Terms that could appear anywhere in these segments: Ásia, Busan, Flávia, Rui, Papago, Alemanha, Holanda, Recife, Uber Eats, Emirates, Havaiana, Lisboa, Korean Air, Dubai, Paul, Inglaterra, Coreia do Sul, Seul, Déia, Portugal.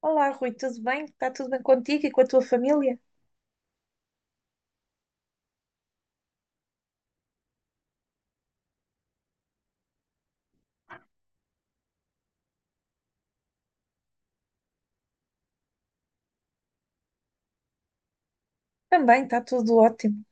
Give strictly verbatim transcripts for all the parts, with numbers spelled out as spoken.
Olá, Rui, tudo bem? Está tudo bem contigo e com a tua família? Também está tudo ótimo.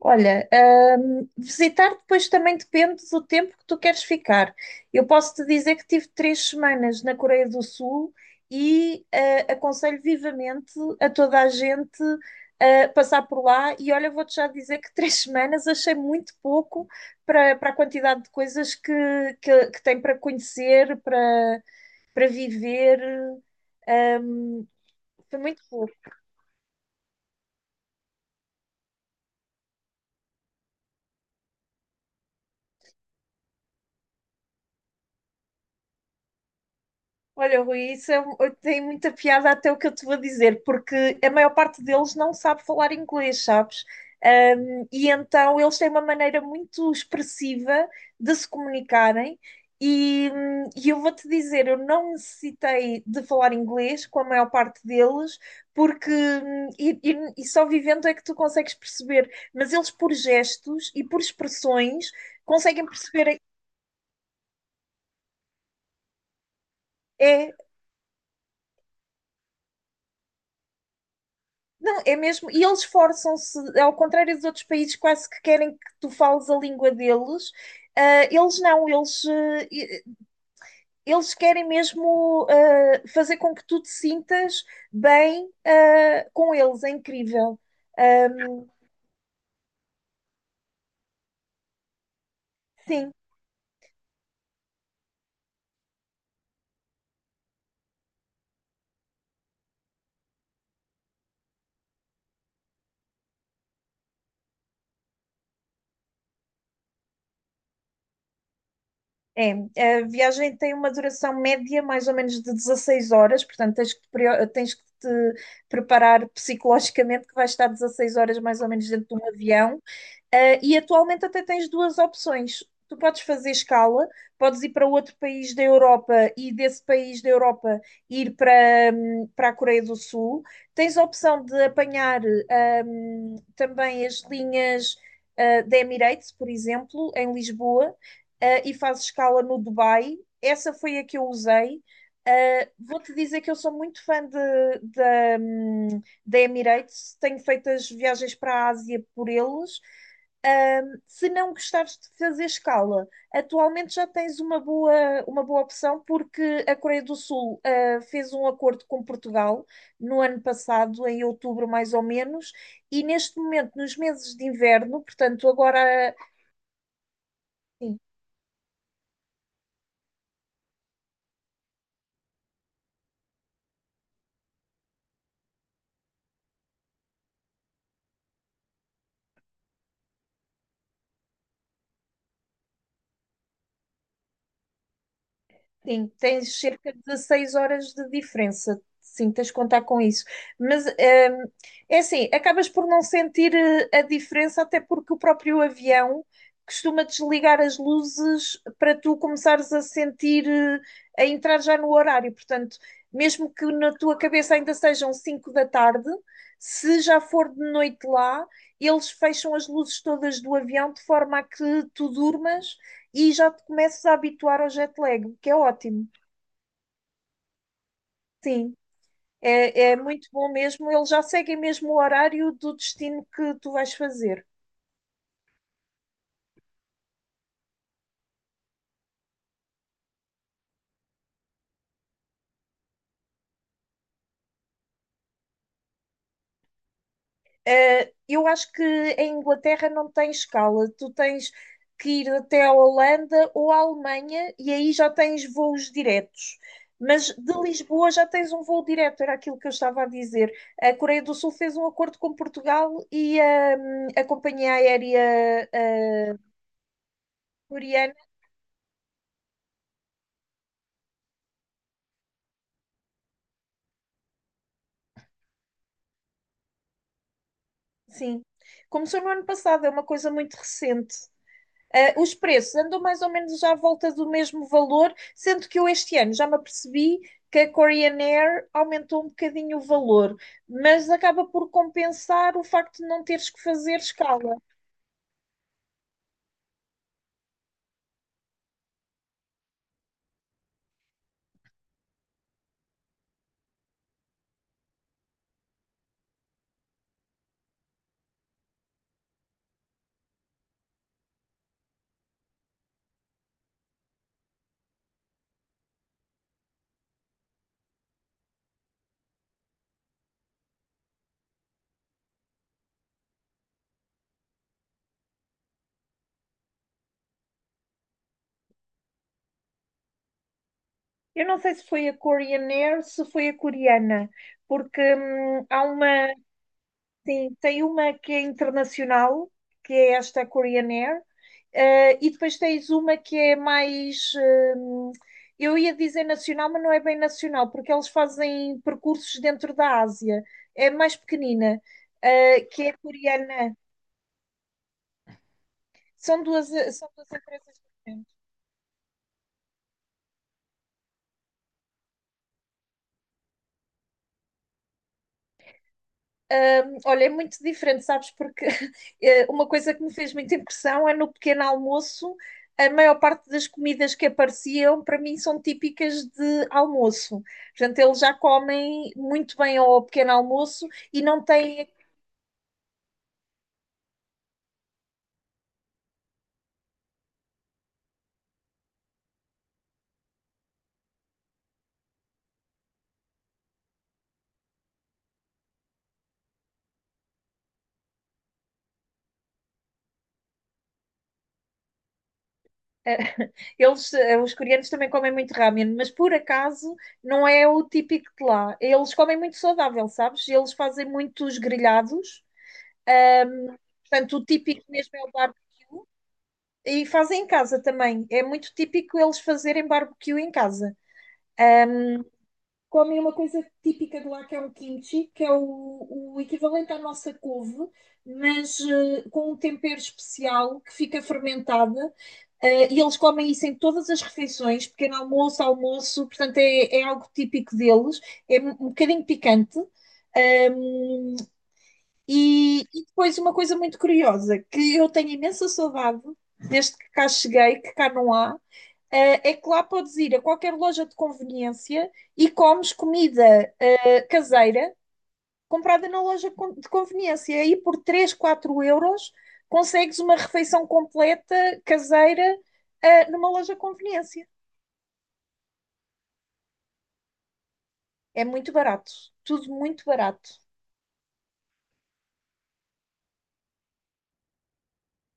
Olha, hum, visitar depois também depende do tempo que tu queres ficar. Eu posso te dizer que tive três semanas na Coreia do Sul e eh, aconselho vivamente a toda a gente eh, passar por lá. E olha, vou-te já dizer que três semanas achei muito pouco para, para a quantidade de coisas que, que, que tem para conhecer, para, para viver. hum, Foi muito pouco. Olha, Rui, isso é, um- tem muita piada até o que eu te vou dizer, porque a maior parte deles não sabe falar inglês, sabes? Um, e então eles têm uma maneira muito expressiva de se comunicarem. E, hum, e eu vou-te dizer, eu não necessitei de falar inglês com a maior parte deles, porque hum, e, e- e só vivendo é que tu consegues perceber, mas eles por gestos e por expressões conseguem perceber. É. Não, é mesmo. E eles esforçam-se, ao contrário dos outros países, quase que querem que tu fales a língua deles. Ah, eles não, eles, eh, e- eles querem mesmo ah, fazer com que tu te sintas bem ah, com eles. É incrível. Ah, sim, é. A viagem tem uma duração média mais ou menos de dezasseis horas, portanto tens que te, preo- tens que te preparar psicologicamente que vais estar dezasseis horas mais ou menos dentro de um avião. Ah, e atualmente até tens duas opções. Tu podes fazer escala, podes ir para outro país da Europa e desse país da Europa ir para, hum, para a Coreia do Sul. Tens a opção de apanhar hum, também as linhas ah, da Emirates, por exemplo, em Lisboa, ah, e fazes escala no Dubai. Essa foi a que eu usei. Ah, vou-te dizer que eu sou muito fã de, da, hum, da Emirates, tenho feito as viagens para a Ásia por eles. Ahm, Se não gostares de fazer escala, atualmente já tens uma boa, uma boa opção, porque a Coreia do Sul ah, fez um acordo com Portugal no ano passado, em outubro mais ou menos, e neste momento, nos meses de inverno, portanto, agora. Sim, tens cerca de dezasseis horas de diferença. Sim, tens de contar com isso. Mas hum, é assim, acabas por não sentir eh, a diferença, até porque o próprio avião costuma desligar as luzes para tu começares a sentir, eh, a entrar já no horário. Portanto, mesmo que na tua cabeça ainda sejam cinco da tarde, se já for de noite lá, eles fecham as luzes todas do avião de forma a que tu durmas e já te começas a habituar ao jet lag, o que é ótimo. Sim, é, é muito bom mesmo. Eles já seguem mesmo o horário do destino que tu vais fazer. Eh, eu acho que em Inglaterra não tem escala. Tu tens que ir até a Holanda ou à Alemanha e aí já tens voos diretos. Mas de Lisboa já tens um voo direto, era aquilo que eu estava a dizer. A Coreia do Sul fez um acordo com Portugal e hum, a companhia aérea coreana, sim. Começou no ano passado, é uma coisa muito recente. Ah, os preços andam mais ou menos já à volta do mesmo valor, sendo que eu este ano já me apercebi que a Korean Air aumentou um bocadinho o valor, mas acaba por compensar o facto de não teres que fazer escala. Eu não sei se foi a Korean Air, se foi a coreana, porque hum, há uma. Sim, tem uma que é internacional, que é esta Korean Air, eh, e depois tens uma que é mais, hum, eu ia dizer nacional, mas não é bem nacional, porque eles fazem percursos dentro da Ásia, é mais pequenina, eh, que é coreana. São duas, são duas empresas diferentes. Hum, olha, é muito diferente, sabes? Porque eh, uma coisa que me fez muita impressão é no pequeno almoço, a maior parte das comidas que apareciam para mim são típicas de almoço. Portanto, eles já comem muito bem ao pequeno almoço e não têm. eh, Eles, eh, os coreanos também comem muito ramen, mas por acaso não é o típico de lá. Eles comem muito saudável, sabes? Eles fazem muitos grelhados. Portanto, o típico mesmo é o. E fazem em casa também. É muito típico eles fazerem barbecue em casa. Comem uma coisa típica de lá que é o kimchi, que é o, o equivalente à nossa couve, mas eh, com um tempero especial que fica fermentada. Eh, e eles comem isso em todas as refeições, pequeno almoço, almoço, portanto é, é algo típico deles, é um um bocadinho picante. Um, e, e depois uma coisa muito curiosa, que eu tenho imensa saudade desde que cá cheguei, que cá não há, eh, é que lá podes ir a qualquer loja de conveniência e comes comida eh, caseira comprada na loja de conveniência. Aí por três, quatro euros consegues uma refeição completa caseira eh, numa loja de conveniência. É muito barato, tudo muito barato.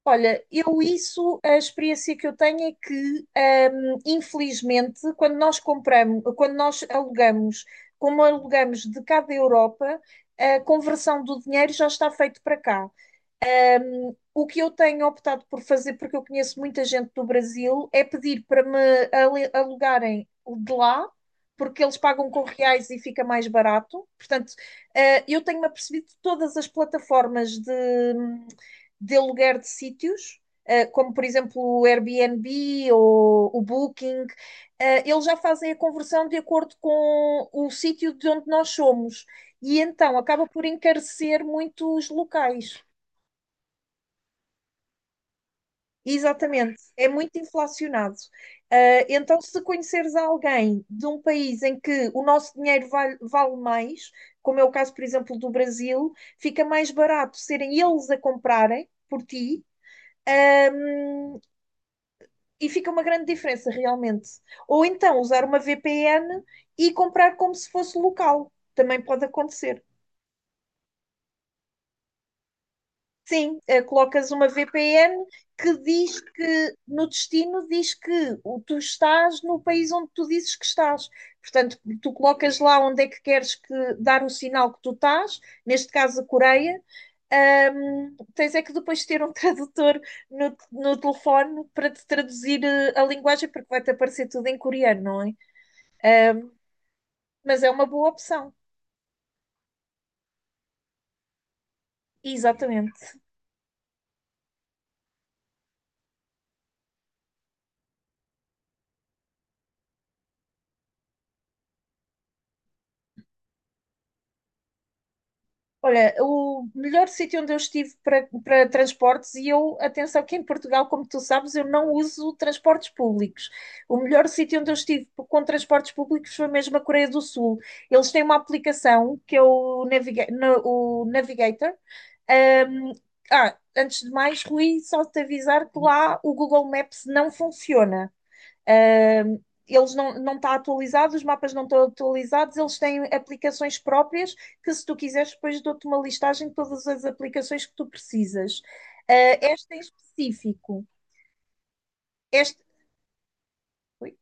Olha, eu isso, a experiência que eu tenho é que, hum, infelizmente, quando nós compramos, quando nós alugamos, como alugamos de cá da Europa, a conversão do dinheiro já está feito para cá. Um, o que eu tenho optado por fazer, porque eu conheço muita gente do Brasil, é pedir para me ale- alugarem de lá, porque eles pagam com reais e fica mais barato. Portanto, eh, eu tenho-me apercebido de todas as plataformas de, de aluguer de sítios, eh, como por exemplo o Airbnb ou o Booking, eh, eles já fazem a conversão de acordo com o sítio de onde nós somos. E então acaba por encarecer muito os locais. Exatamente, é muito inflacionado. Ah, então, se conheceres alguém de um país em que o nosso dinheiro vale, vale mais, como é o caso, por exemplo, do Brasil, fica mais barato serem eles a comprarem por ti, ahm, e fica uma grande diferença realmente. Ou então usar uma V P N e comprar como se fosse local, também pode acontecer. Sim, eh, colocas uma V P N que diz que no destino diz que o- tu estás no país onde tu dizes que estás. Portanto, tu colocas lá onde é que queres que- dar o sinal que tu estás, neste caso a Coreia. Ahm, tens é que depois ter um tradutor no, no telefone para te traduzir eh, a linguagem, porque vai-te aparecer tudo em coreano, não é? Mas é uma boa opção. Exatamente. Olha, o melhor sítio onde eu estive para, para transportes, e eu, atenção, que em Portugal, como tu sabes, eu não uso transportes públicos. O melhor sítio onde eu estive com transportes públicos foi mesmo a Coreia do Sul. Eles têm uma aplicação que é o, Naviga- na- o Navigator. Ahm, ah, Antes de mais, Rui, só te avisar que lá o Google Maps não funciona. Uh, eles não, não está atualizados. Os mapas não estão atualizados, eles têm aplicações próprias que, se tu quiseres, depois dou-te uma listagem de todas as aplicações que tu precisas. Uh, esta em específico, este, ui,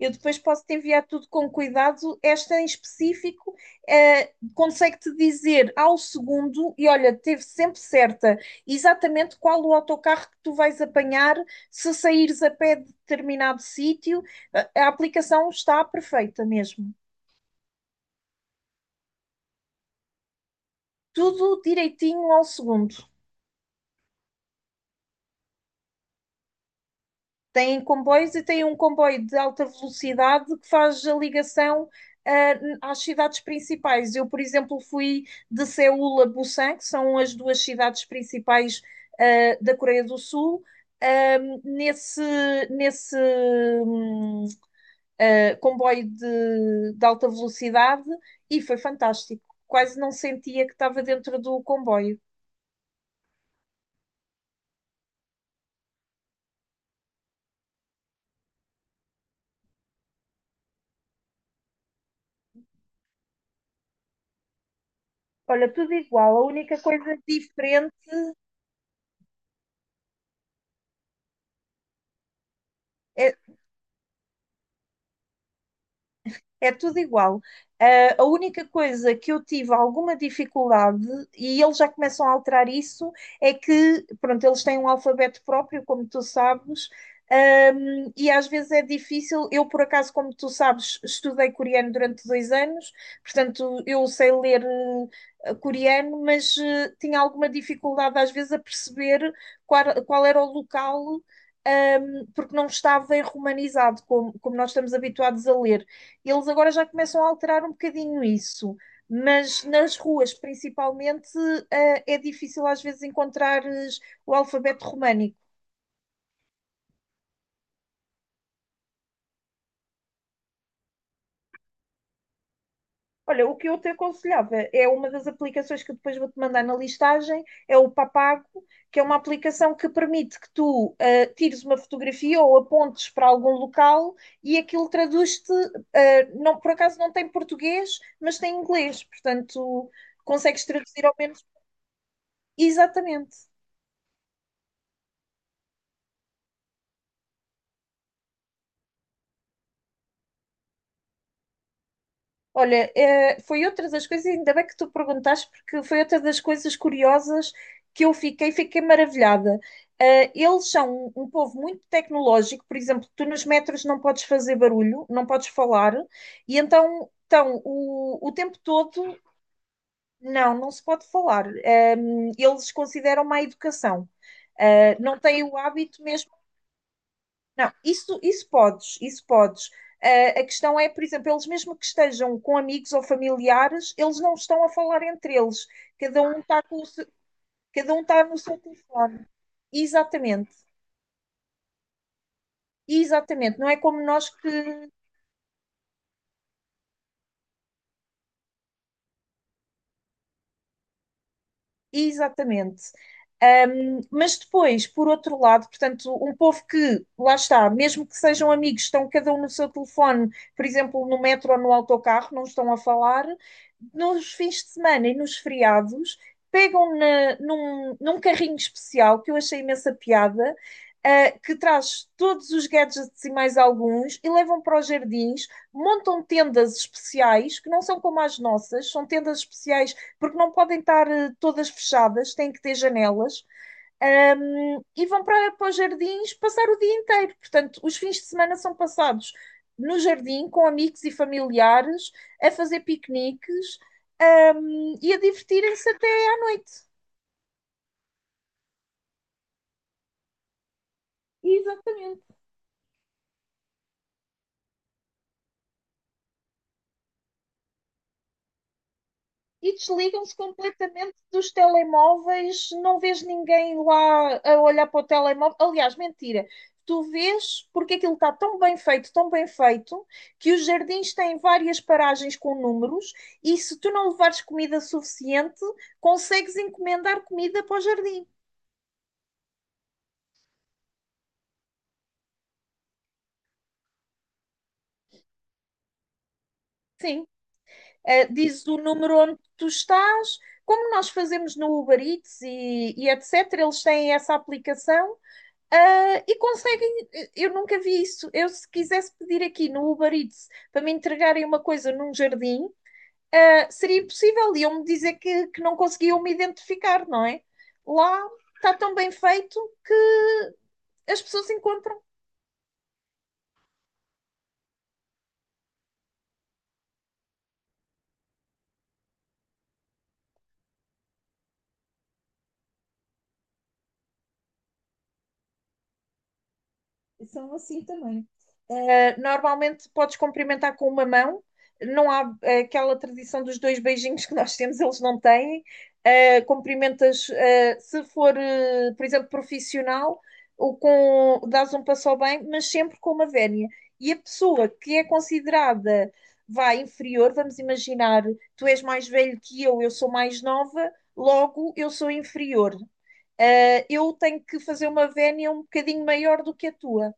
eu depois posso te enviar tudo com cuidado. Esta em específico, eh, consegue-te dizer ao segundo, e olha, teve sempre certa, exatamente qual o autocarro que tu vais apanhar se saíres a pé de determinado sítio. A, a aplicação está perfeita mesmo. Tudo direitinho ao segundo. Tem comboios e tem um comboio de alta velocidade que faz a ligação uh, às cidades principais. Eu, por exemplo, fui de Seul a Busan, que são as duas cidades principais uh, da Coreia do Sul. Um, nesse nesse um, uh, comboio de, de alta velocidade e foi fantástico. Quase não sentia que estava dentro do comboio. Olha, tudo igual. A única coisa diferente é. É tudo igual. Ah, a única coisa que eu tive alguma dificuldade, e eles já começam a alterar isso, é que, pronto, eles têm um alfabeto próprio, como tu sabes. Ahm, e às vezes é difícil. Eu, por acaso, como tu sabes, estudei coreano durante dois anos, portanto, eu sei ler. eh, Coreano, mas eh, tinha alguma dificuldade às vezes a perceber qual, qual era o local, ahm, porque não estava em romanizado, como, como nós estamos habituados a ler. Eles agora já começam a alterar um bocadinho isso, mas nas ruas, principalmente, eh, é difícil às vezes encontrares o alfabeto românico. Olha, o que eu te aconselhava é uma das aplicações que eu depois vou-te mandar na listagem, é o Papago, que é uma aplicação que permite que tu eh, tires uma fotografia ou apontes para algum local e aquilo traduz-te. Eh, não, por acaso não tem português, mas tem inglês, portanto consegues traduzir ao menos. Exatamente. Olha, eh, foi outra das coisas, ainda bem que tu perguntaste, porque foi outra das coisas curiosas que eu fiquei, fiquei maravilhada. Eh, eles são um, um povo muito tecnológico. Por exemplo, tu nos metros não podes fazer barulho, não podes falar, e então então o, o tempo todo, não, não se pode falar. Eh, eles consideram má educação. Eh, não têm o hábito mesmo. Não, isso, isso podes, isso podes. Ah, a questão é, por exemplo, eles mesmo que estejam com amigos ou familiares, eles não estão a falar entre eles. Cada um está com o se- Cada um está no seu telefone. Exatamente, exatamente. Não é como nós que... Exatamente. Um, mas depois, por outro lado, portanto, um povo que, lá está, mesmo que sejam amigos, estão cada um no seu telefone, por exemplo, no metro ou no autocarro, não estão a falar. Nos fins de semana e nos feriados, pegam na- num, num carrinho especial, que eu achei imensa piada, uh, que traz todos os gadgets e mais alguns, e levam para os jardins, montam tendas especiais, que não são como as nossas, são tendas especiais porque não podem estar eh, todas fechadas, têm que ter janelas, um, e vão para, para os jardins passar o dia inteiro. Portanto, os fins de semana são passados no jardim com amigos e familiares, a fazer piqueniques, um, e a divertirem-se até à noite. Exatamente. E desligam-se completamente dos telemóveis, não vês ninguém lá a olhar para o telemóvel. Aliás, mentira. Tu vês porque aquilo está tão bem feito, tão bem feito, que os jardins têm várias paragens com números, e se tu não levares comida suficiente, consegues encomendar comida para o jardim. Sim. Uh, dizes o número onde tu estás, como nós fazemos no Uber Eats e, e etcétera, eles têm essa aplicação. Ah, e conseguem, eu nunca vi isso. Eu, se quisesse pedir aqui no Uber Eats para me entregarem uma coisa num jardim, ah, seria impossível. Iam-me dizer que, que não conseguiam me identificar, não é? Lá está tão bem feito que as pessoas encontram. São assim também. Uh, normalmente podes cumprimentar com uma mão, não há uh, aquela tradição dos dois beijinhos que nós temos, eles não têm. Uh, cumprimentas, uh, se for, uh, por exemplo, profissional, ou com, dás um passo ao bem, mas sempre com uma vénia. E a pessoa que é considerada vai inferior, vamos imaginar, tu és mais velho que eu, eu sou mais nova, logo eu sou inferior. Uh, eu tenho que fazer uma vénia um bocadinho maior do que a tua.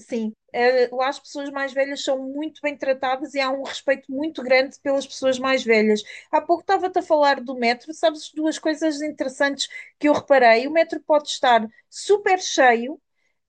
Sim, eh, lá as pessoas mais velhas são muito bem tratadas e há um respeito muito grande pelas pessoas mais velhas. Há pouco estava-te a falar do metro, sabes duas coisas interessantes que eu reparei. O metro pode estar super cheio,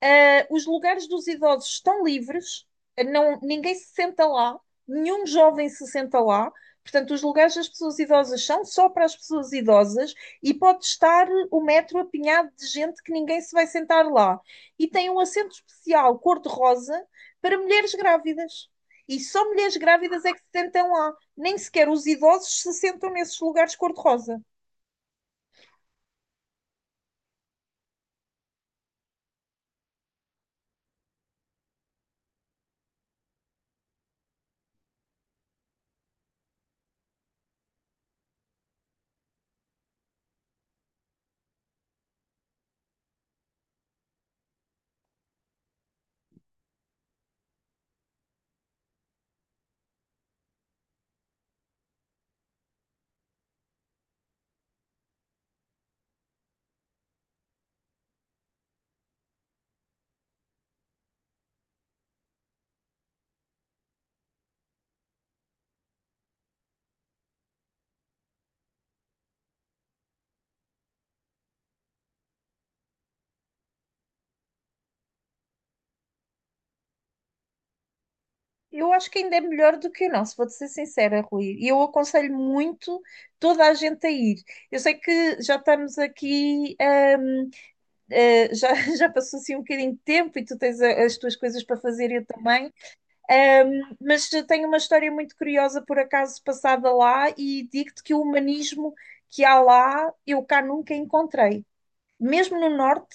eh, os lugares dos idosos estão livres, eh, não, ninguém se senta lá, nenhum jovem se senta lá. Portanto, os lugares das pessoas idosas são só para as pessoas idosas e pode estar o metro apinhado de gente que ninguém se vai sentar lá, e tem um assento especial cor-de-rosa para mulheres grávidas. E só mulheres grávidas é que se sentam lá. Nem sequer os idosos se sentam nesses lugares cor-de-rosa. Eu acho que ainda é melhor do que o nosso, vou-te ser sincera, Rui. E eu aconselho muito toda a gente a ir. Eu sei que já estamos aqui, hum, eh, já, já passou assim um bocadinho de tempo e tu tens a- as tuas coisas para fazer, eu também. Um, Mas tenho uma história muito curiosa, por acaso, passada lá, e digo-te que o humanismo que há lá, eu cá nunca encontrei. Mesmo no Norte,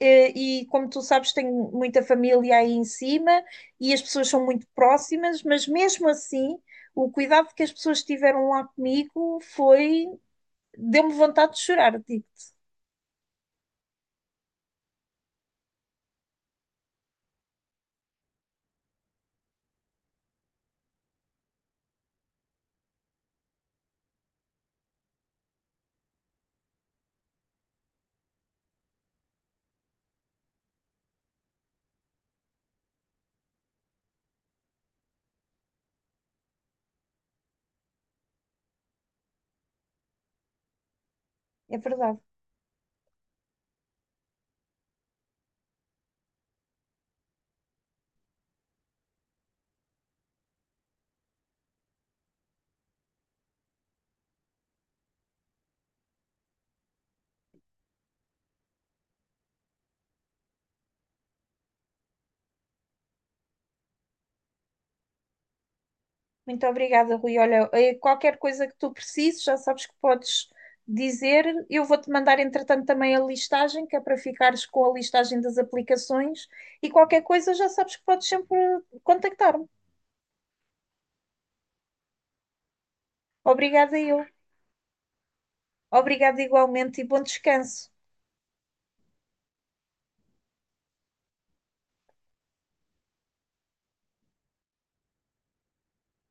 eh, e como tu sabes, tenho muita família aí em cima, e as pessoas são muito próximas, mas mesmo assim, o cuidado que as pessoas tiveram lá comigo foi... Deu-me vontade de chorar, digo-te. É verdade. Muito obrigada, Rui. Olha, eh, qualquer coisa que tu precises, já sabes que podes dizer. Eu vou-te mandar, entretanto, também a listagem, que é para ficares com a listagem das aplicações. E qualquer coisa, já sabes que podes sempre contactar-me. Obrigada, eu. Obrigada igualmente e bom descanso.